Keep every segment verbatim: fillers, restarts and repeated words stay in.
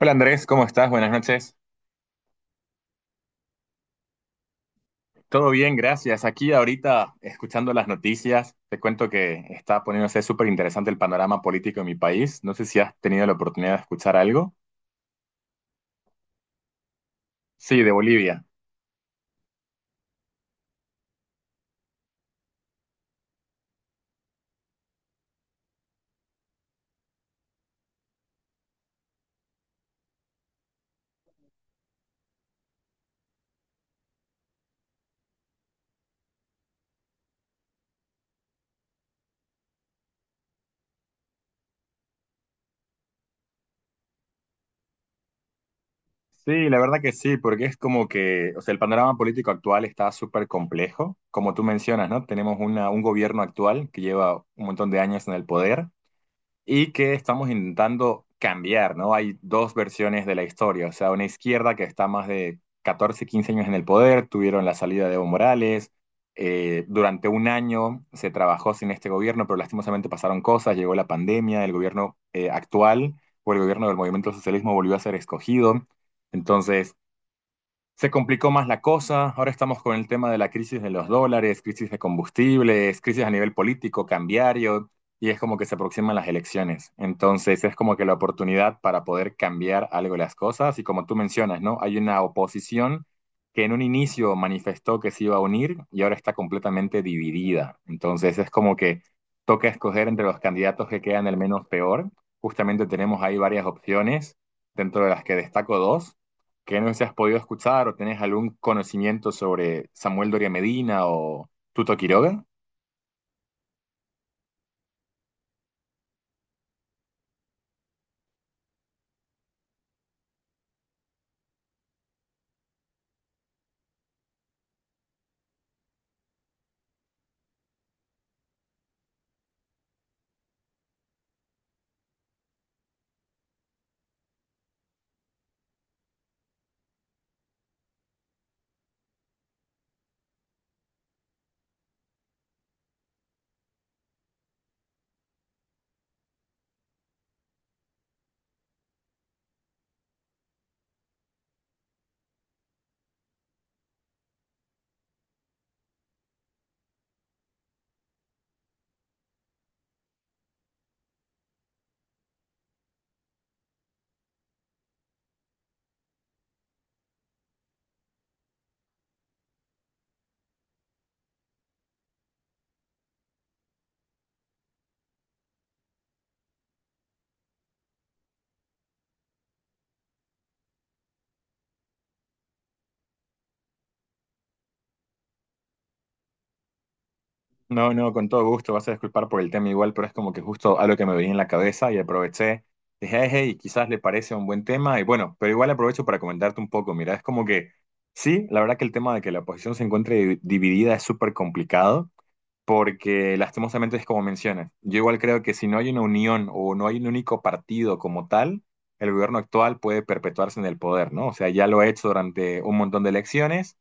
Hola Andrés, ¿cómo estás? Buenas noches. Todo bien, gracias. Aquí ahorita escuchando las noticias, te cuento que está poniéndose súper interesante el panorama político en mi país. No sé si has tenido la oportunidad de escuchar algo. Sí, de Bolivia. Sí, la verdad que sí, porque es como que, o sea, el panorama político actual está súper complejo. Como tú mencionas, ¿no? Tenemos una, un gobierno actual que lleva un montón de años en el poder y que estamos intentando cambiar, ¿no? Hay dos versiones de la historia, o sea, una izquierda que está más de catorce o quince años en el poder, tuvieron la salida de Evo Morales, eh, durante un año se trabajó sin este gobierno, pero lastimosamente pasaron cosas, llegó la pandemia, el gobierno eh, actual o el gobierno del movimiento socialismo volvió a ser escogido, entonces se complicó más la cosa. Ahora estamos con el tema de la crisis de los dólares, crisis de combustibles, crisis a nivel político, cambiario, y es como que se aproximan las elecciones. Entonces es como que la oportunidad para poder cambiar algo de las cosas, y como tú mencionas, ¿no? Hay una oposición que en un inicio manifestó que se iba a unir y ahora está completamente dividida. Entonces es como que toca escoger entre los candidatos que quedan el menos peor. Justamente tenemos ahí varias opciones, dentro de las que destaco dos que no se has podido escuchar o ¿tenés algún conocimiento sobre Samuel Doria Medina o Tuto Quiroga? No, no, con todo gusto, vas a disculpar por el tema igual, pero es como que justo algo que me venía en la cabeza y aproveché. Dije, hey, hey, quizás le parece un buen tema y bueno, pero igual aprovecho para comentarte un poco. Mira, es como que sí, la verdad que el tema de que la oposición se encuentre di- dividida es súper complicado. Porque lastimosamente es como mencionas. Yo igual creo que si no hay una unión o no hay un único partido como tal, el gobierno actual puede perpetuarse en el poder, ¿no? O sea, ya lo ha hecho durante un montón de elecciones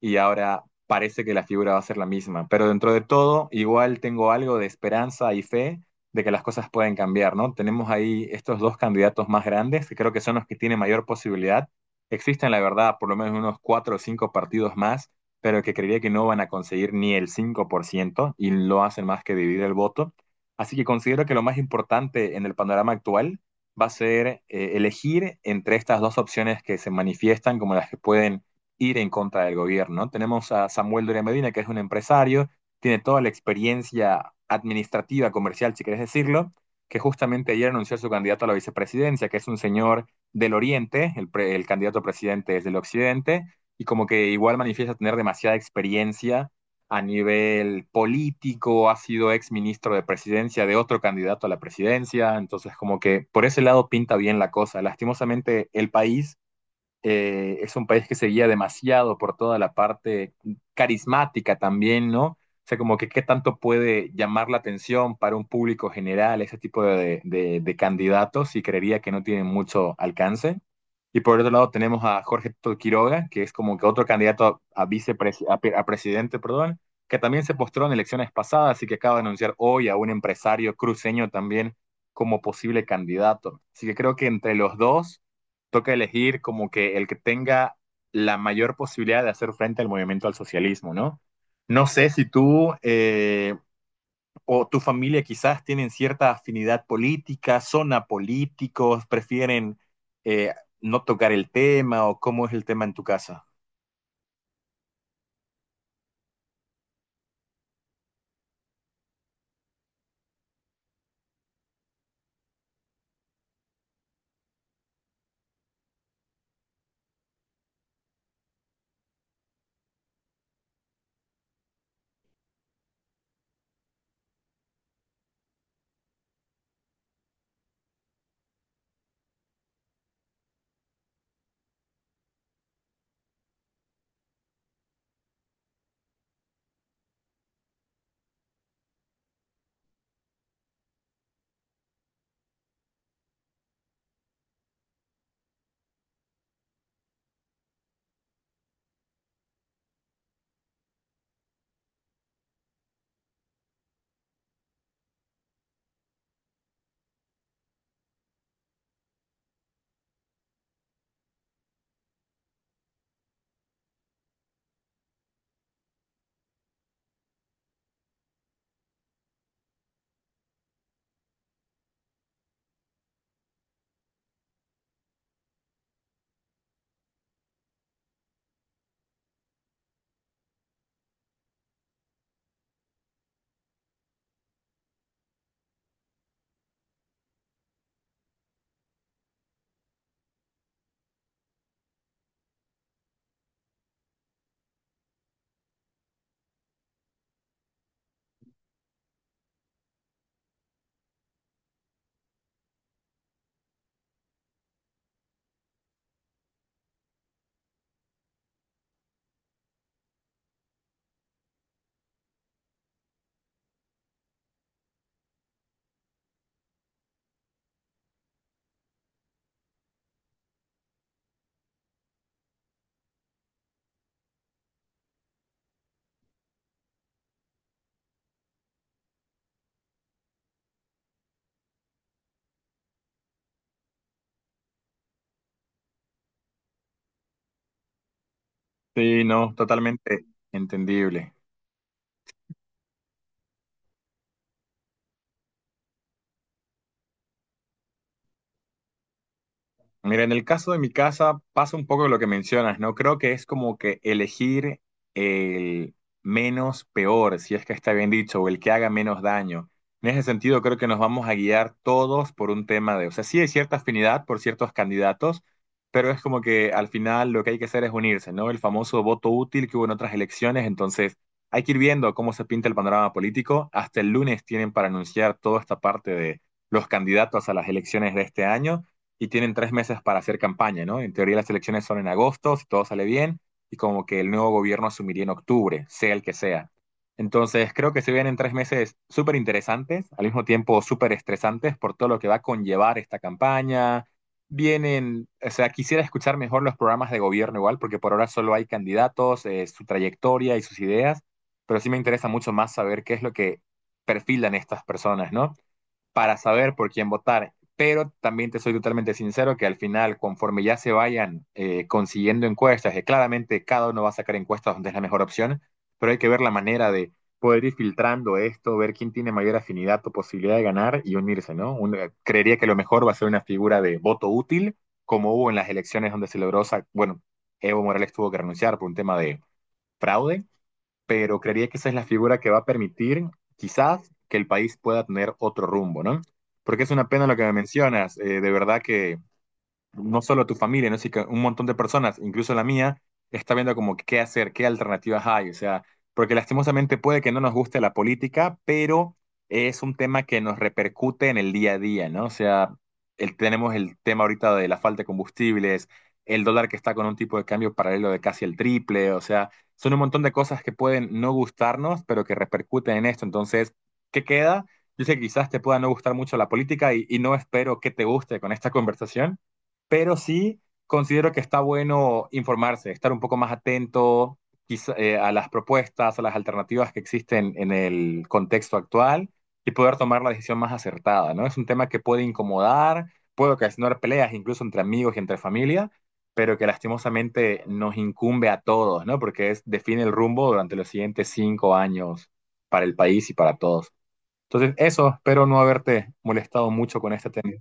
y ahora parece que la figura va a ser la misma. Pero dentro de todo, igual tengo algo de esperanza y fe de que las cosas pueden cambiar, ¿no? Tenemos ahí estos dos candidatos más grandes, que creo que son los que tienen mayor posibilidad. Existen, la verdad, por lo menos unos cuatro o cinco partidos más, pero que creería que no van a conseguir ni el cinco por ciento y lo hacen más que dividir el voto. Así que considero que lo más importante en el panorama actual va a ser eh, elegir entre estas dos opciones que se manifiestan como las que pueden ir en contra del gobierno. ¿No? Tenemos a Samuel Doria Medina, que es un empresario, tiene toda la experiencia administrativa, comercial, si querés decirlo, que justamente ayer anunció su candidato a la vicepresidencia, que es un señor del Oriente, el, pre- el candidato a presidente es del Occidente, y como que igual manifiesta tener demasiada experiencia a nivel político, ha sido ex ministro de presidencia de otro candidato a la presidencia, entonces como que por ese lado pinta bien la cosa. Lastimosamente el país eh, es un país que se guía demasiado por toda la parte carismática también, ¿no? O sea, como que qué tanto puede llamar la atención para un público general ese tipo de, de, de candidatos y creería que no tienen mucho alcance. Y por otro lado tenemos a Jorge Quiroga, que es como que otro candidato a, vicepres a, pre- a presidente, perdón, que también se postró en elecciones pasadas y que acaba de anunciar hoy a un empresario cruceño también como posible candidato. Así que creo que entre los dos toca elegir como que el que tenga la mayor posibilidad de hacer frente al movimiento al socialismo, ¿no? No sé si tú eh, o tu familia quizás tienen cierta afinidad política, son apolíticos, prefieren eh, no tocar el tema o cómo es el tema en tu casa. Sí, no, totalmente entendible. Mira, en el caso de mi casa pasa un poco lo que mencionas, ¿no? Creo que es como que elegir el menos peor, si es que está bien dicho, o el que haga menos daño. En ese sentido, creo que nos vamos a guiar todos por un tema de, o sea, sí hay cierta afinidad por ciertos candidatos, pero es como que al final lo que hay que hacer es unirse, ¿no? El famoso voto útil que hubo en otras elecciones, entonces hay que ir viendo cómo se pinta el panorama político. Hasta el lunes tienen para anunciar toda esta parte de los candidatos a las elecciones de este año y tienen tres meses para hacer campaña, ¿no? En teoría las elecciones son en agosto, si todo sale bien, y como que el nuevo gobierno asumiría en octubre, sea el que sea. Entonces creo que se vienen tres meses súper interesantes, al mismo tiempo súper estresantes por todo lo que va a conllevar esta campaña. Vienen, o sea, quisiera escuchar mejor los programas de gobierno igual, porque por ahora solo hay candidatos, eh, su trayectoria y sus ideas, pero sí me interesa mucho más saber qué es lo que perfilan estas personas, ¿no? Para saber por quién votar. Pero también te soy totalmente sincero que al final, conforme ya se vayan eh, consiguiendo encuestas, que claramente cada uno va a sacar encuestas donde es la mejor opción, pero hay que ver la manera de poder ir filtrando esto, ver quién tiene mayor afinidad o posibilidad de ganar y unirse, ¿no? Un, eh, creería que lo mejor va a ser una figura de voto útil, como hubo en las elecciones donde se logró, bueno, Evo Morales tuvo que renunciar por un tema de fraude, pero creería que esa es la figura que va a permitir quizás que el país pueda tener otro rumbo, ¿no? Porque es una pena lo que me mencionas, eh, de verdad que no solo tu familia, ¿no? Sino que un montón de personas, incluso la mía, está viendo como qué hacer, qué alternativas hay. O sea, porque lastimosamente puede que no nos guste la política, pero es un tema que nos repercute en el día a día, ¿no? O sea, el- tenemos el tema ahorita de la falta de combustibles, el dólar que está con un tipo de cambio paralelo de casi el triple, o sea, son un montón de cosas que pueden no gustarnos, pero que repercuten en esto. Entonces, ¿qué queda? Yo sé que quizás te pueda no gustar mucho la política y y no espero que te guste con esta conversación, pero sí considero que está bueno informarse, estar un poco más atento quizá, eh, a las propuestas, a las alternativas que existen en el contexto actual y poder tomar la decisión más acertada, ¿no? Es un tema que puede incomodar, puede ocasionar peleas incluso entre amigos y entre familia, pero que lastimosamente nos incumbe a todos, ¿no? Porque es, define el rumbo durante los siguientes cinco años para el país y para todos. Entonces, eso, espero no haberte molestado mucho con este tema.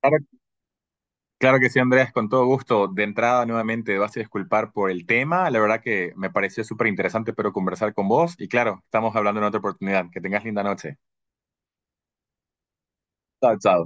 Claro. Claro que sí, Andrés, con todo gusto. De entrada, nuevamente, vas a disculpar por el tema. La verdad que me pareció súper interesante, pero conversar con vos. Y claro, estamos hablando en otra oportunidad. Que tengas linda noche. Chao, chao.